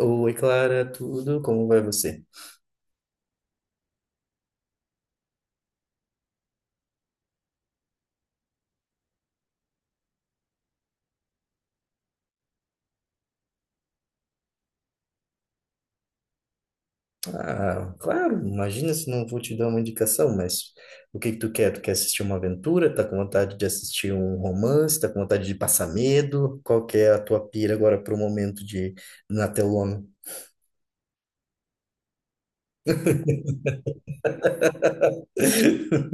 Oi, Clara, tudo? Como vai você? Ah, claro, imagina se não vou te dar uma indicação, mas o que que tu quer? Tu quer assistir uma aventura? Tá com vontade de assistir um romance? Tá com vontade de passar medo? Qual que é a tua pira agora pro momento de na telona?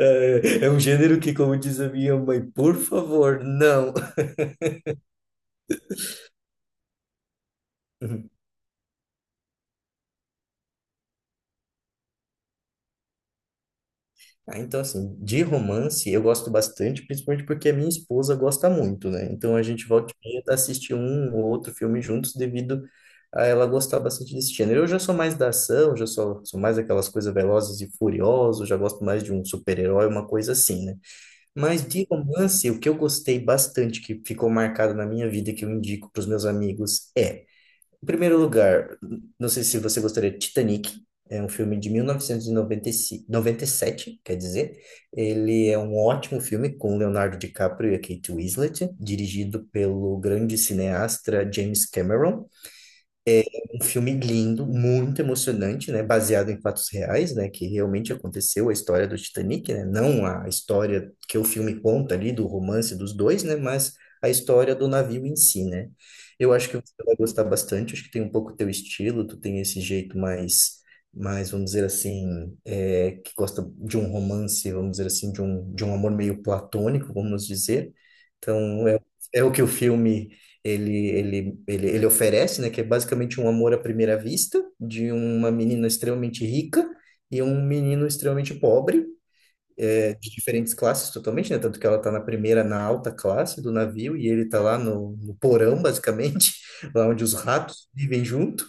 É, é um gênero que, como diz a minha mãe, por favor, não. Ah, então, assim, de romance eu gosto bastante, principalmente porque a minha esposa gosta muito, né? Então a gente volta e meia assistir um ou outro filme juntos devido a ela gostar bastante desse gênero. Eu já sou mais da ação, sou mais aquelas coisas velozes e furiosas, já gosto mais de um super-herói, uma coisa assim, né? Mas de romance, o que eu gostei bastante, que ficou marcado na minha vida, e que eu indico para os meus amigos, é em primeiro lugar, não sei se você gostaria, de Titanic. É um filme de mil novecentos e noventa e cinco, noventa e sete, quer dizer, ele é um ótimo filme com Leonardo DiCaprio e a Kate Winslet, dirigido pelo grande cineasta James Cameron, um filme lindo, muito emocionante, né? Baseado em fatos reais, né? Que realmente aconteceu a história do Titanic, né? Não a história que o filme conta ali do romance dos dois, né? Mas a história do navio em si, né? Eu acho que você vai gostar bastante. Acho que tem um pouco teu estilo. Tu tem esse jeito mais, mais, vamos dizer assim, é, que gosta de um romance, vamos dizer assim, de um amor meio platônico, vamos dizer. Então é, é o que o filme ele oferece, né, que é basicamente um amor à primeira vista de uma menina extremamente rica e um menino extremamente pobre, é, de diferentes classes totalmente, né, tanto que ela tá na primeira, na alta classe do navio e ele tá lá no porão, basicamente, lá onde os ratos vivem junto.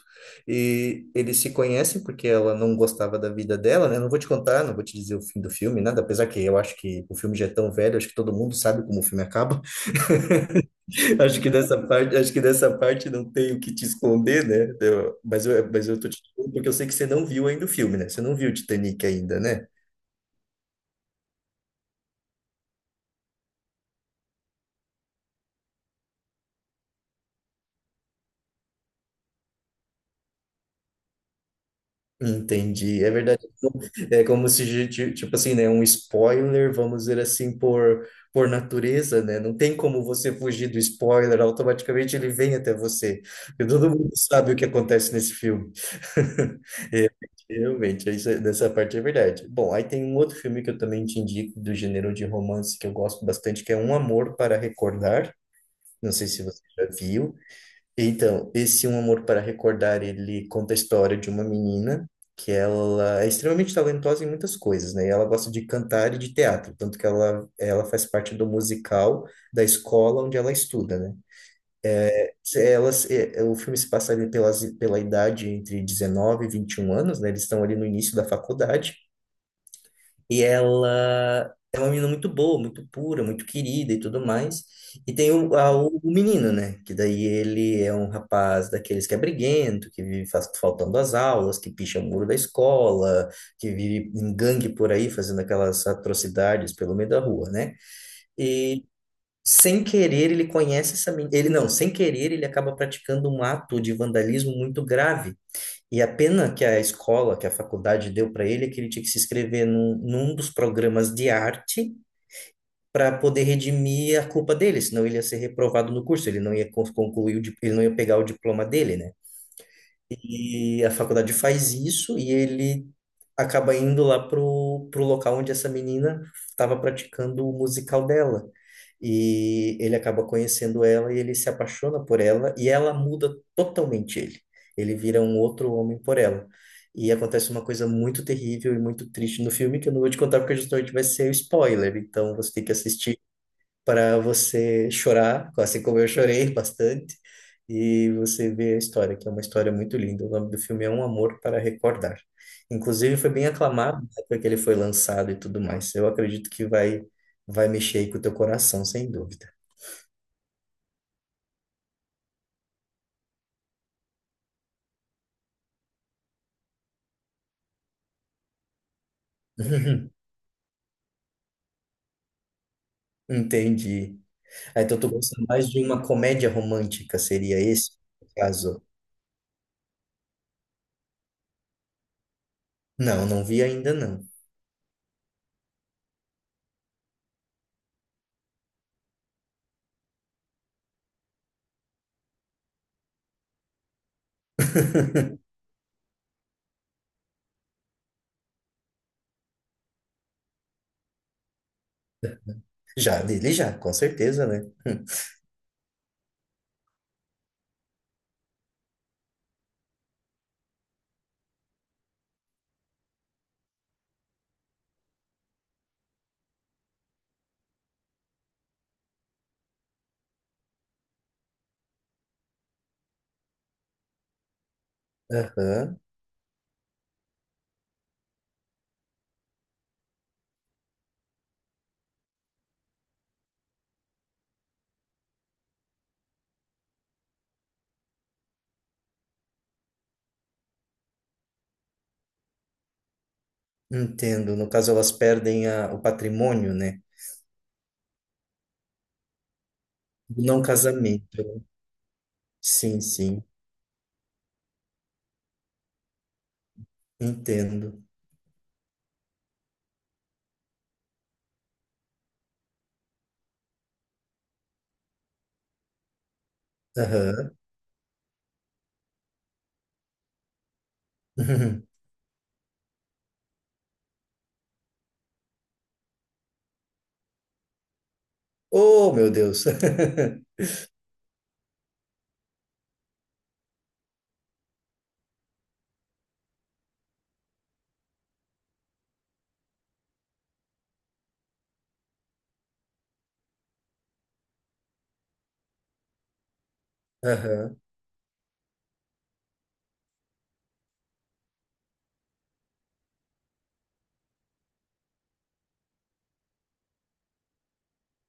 E eles se conhecem porque ela não gostava da vida dela, né? Não vou te contar, não vou te dizer o fim do filme, nada, apesar que eu acho que o filme já é tão velho, acho que todo mundo sabe como o filme acaba. Acho que dessa parte, acho que dessa parte não tem o que te esconder, né? Mas eu tô te falando porque eu sei que você não viu ainda o filme, né? Você não viu o Titanic ainda, né? Entendi. É verdade. É como se, tipo assim, né, um spoiler, vamos dizer assim, por natureza, né? Não tem como você fugir do spoiler, automaticamente ele vem até você. E todo mundo sabe o que acontece nesse filme. É, realmente, isso, é- dessa parte é verdade. Bom, aí tem um outro filme que eu também te indico, do gênero de romance, que eu gosto bastante, que é Um Amor para Recordar. Não sei se você já viu. Então, esse Um Amor para Recordar, ele conta a história de uma menina que ela é extremamente talentosa em muitas coisas, né? E ela gosta de cantar e de teatro, tanto que ela faz parte do musical da escola onde ela estuda, né? Se Elas, o filme se passa ali pelas, pela idade entre 19 e 21 anos, né? Eles estão ali no início da faculdade, e ela é uma menina muito boa, muito pura, muito querida e tudo mais. E tem o menino, né? Que daí ele é um rapaz daqueles que é briguento, que vive faltando às aulas, que picha o muro da escola, que vive em gangue por aí, fazendo aquelas atrocidades pelo meio da rua, né? E sem querer ele conhece essa menina. Ele não, sem querer ele acaba praticando um ato de vandalismo muito grave e a pena que que a faculdade deu para ele é que ele tinha que se inscrever num dos programas de arte para poder redimir a culpa dele, senão ele ia ser reprovado no curso, ele não ia concluir, ele não ia pegar o diploma dele, né? E a faculdade faz isso e ele acaba indo lá pro local onde essa menina estava praticando o musical dela. E ele acaba conhecendo ela e ele se apaixona por ela e ela muda totalmente ele. Ele vira um outro homem por ela. E acontece uma coisa muito terrível e muito triste no filme que eu não vou te contar porque justamente vai ser spoiler. Então você tem que assistir para você chorar, assim como eu chorei bastante, e você ver a história, que é uma história muito linda. O nome do filme é Um Amor para Recordar. Inclusive foi bem aclamado na época que ele foi lançado e tudo mais. Eu acredito que vai mexer aí com o teu coração, sem dúvida. Entendi. Ah, então tu gosta mais de uma comédia romântica, seria esse o caso? Não, não vi ainda não. Já, dele já, com certeza, né? Aham. Entendo. No caso, elas perdem o patrimônio, né? Do não casamento. Sim, sim. Entendo. Aham. Oh, meu Deus. Aham.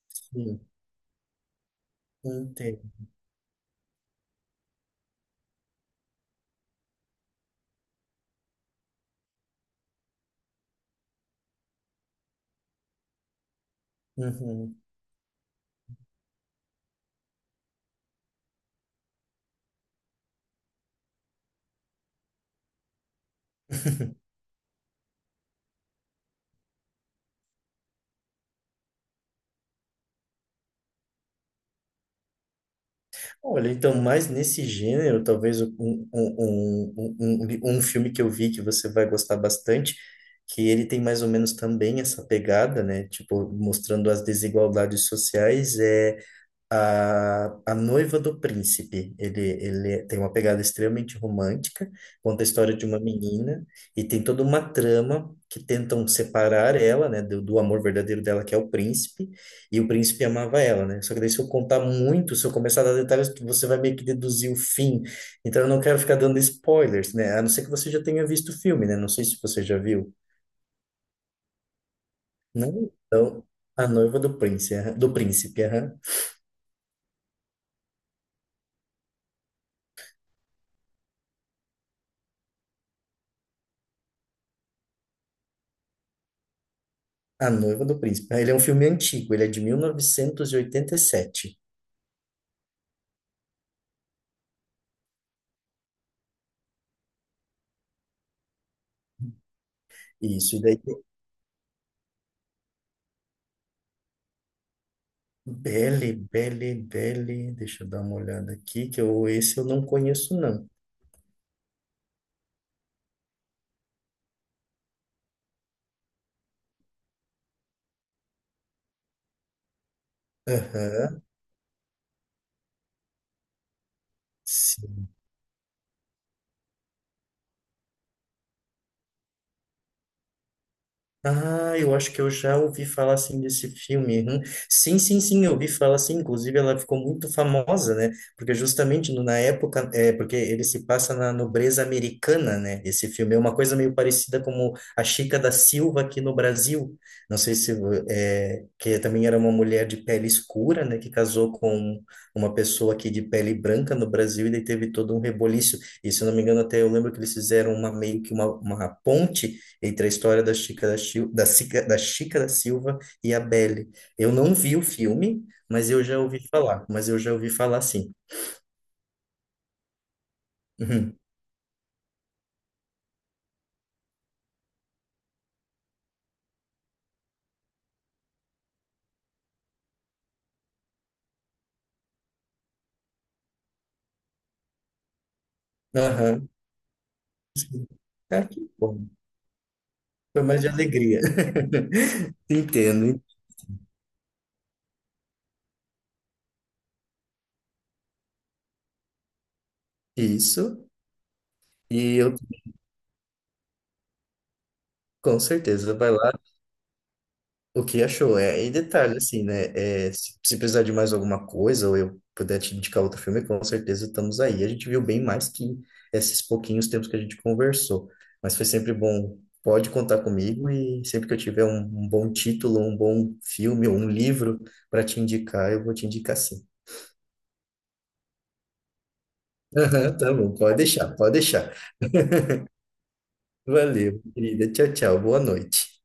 Sim. Entendo. Uhum. Olha, então, mais nesse gênero, talvez um filme que eu vi que você vai gostar bastante, que ele tem mais ou menos também essa pegada, né? Tipo, mostrando as desigualdades sociais, é A Noiva do Príncipe. Ele tem uma pegada extremamente romântica, conta a história de uma menina e tem toda uma trama que tentam separar ela, né, do, do amor verdadeiro dela, que é o príncipe, e o príncipe amava ela, né? Só que daí se eu contar muito, se eu começar a dar detalhes, você vai meio que deduzir o fim. Então eu não quero ficar dando spoilers, né? A não ser que você já tenha visto o filme, né? Não sei se você já viu. Não? Então, A Noiva do Príncipe, aham. do Príncipe, aham. A Noiva do Príncipe. Ah, ele é um filme antigo, ele é de 1987. Isso, e daí tem Belle, Belle, Belle, deixa eu dar uma olhada aqui, que eu, esse eu não conheço, não. Aham, ah, eu acho que eu já ouvi falar assim desse filme. Hum. Sim, sim, sim, eu ouvi falar assim. Inclusive, ela ficou muito famosa, né? Porque justamente na época, é porque ele se passa na nobreza americana, né? Esse filme é uma coisa meio parecida como a Chica da Silva aqui no Brasil. Não sei se é, que também era uma mulher de pele escura, né? Que casou com uma pessoa aqui de pele branca no Brasil e daí teve todo um reboliço. E se eu não me engano, até eu lembro que eles fizeram uma meio que uma ponte entre a história da Chica da Silva e a Belle. Eu não vi o filme, mas eu já ouvi falar. Mas eu já ouvi falar sim. Uhum. Aham. Ah, que bom. Foi mais de alegria. Entendo. Isso. E eu, com certeza, vai lá. O que achou? É, e detalhe, assim, né? É, se precisar de mais alguma coisa, ou eu puder te indicar outro filme, com certeza estamos aí. A gente viu bem mais que esses pouquinhos tempos que a gente conversou. Mas foi sempre bom. Pode contar comigo e sempre que eu tiver um bom título, um bom filme ou um livro para te indicar, eu vou te indicar sim. Aham, tá bom, pode deixar, pode deixar. Valeu, querida. Tchau, tchau. Boa noite.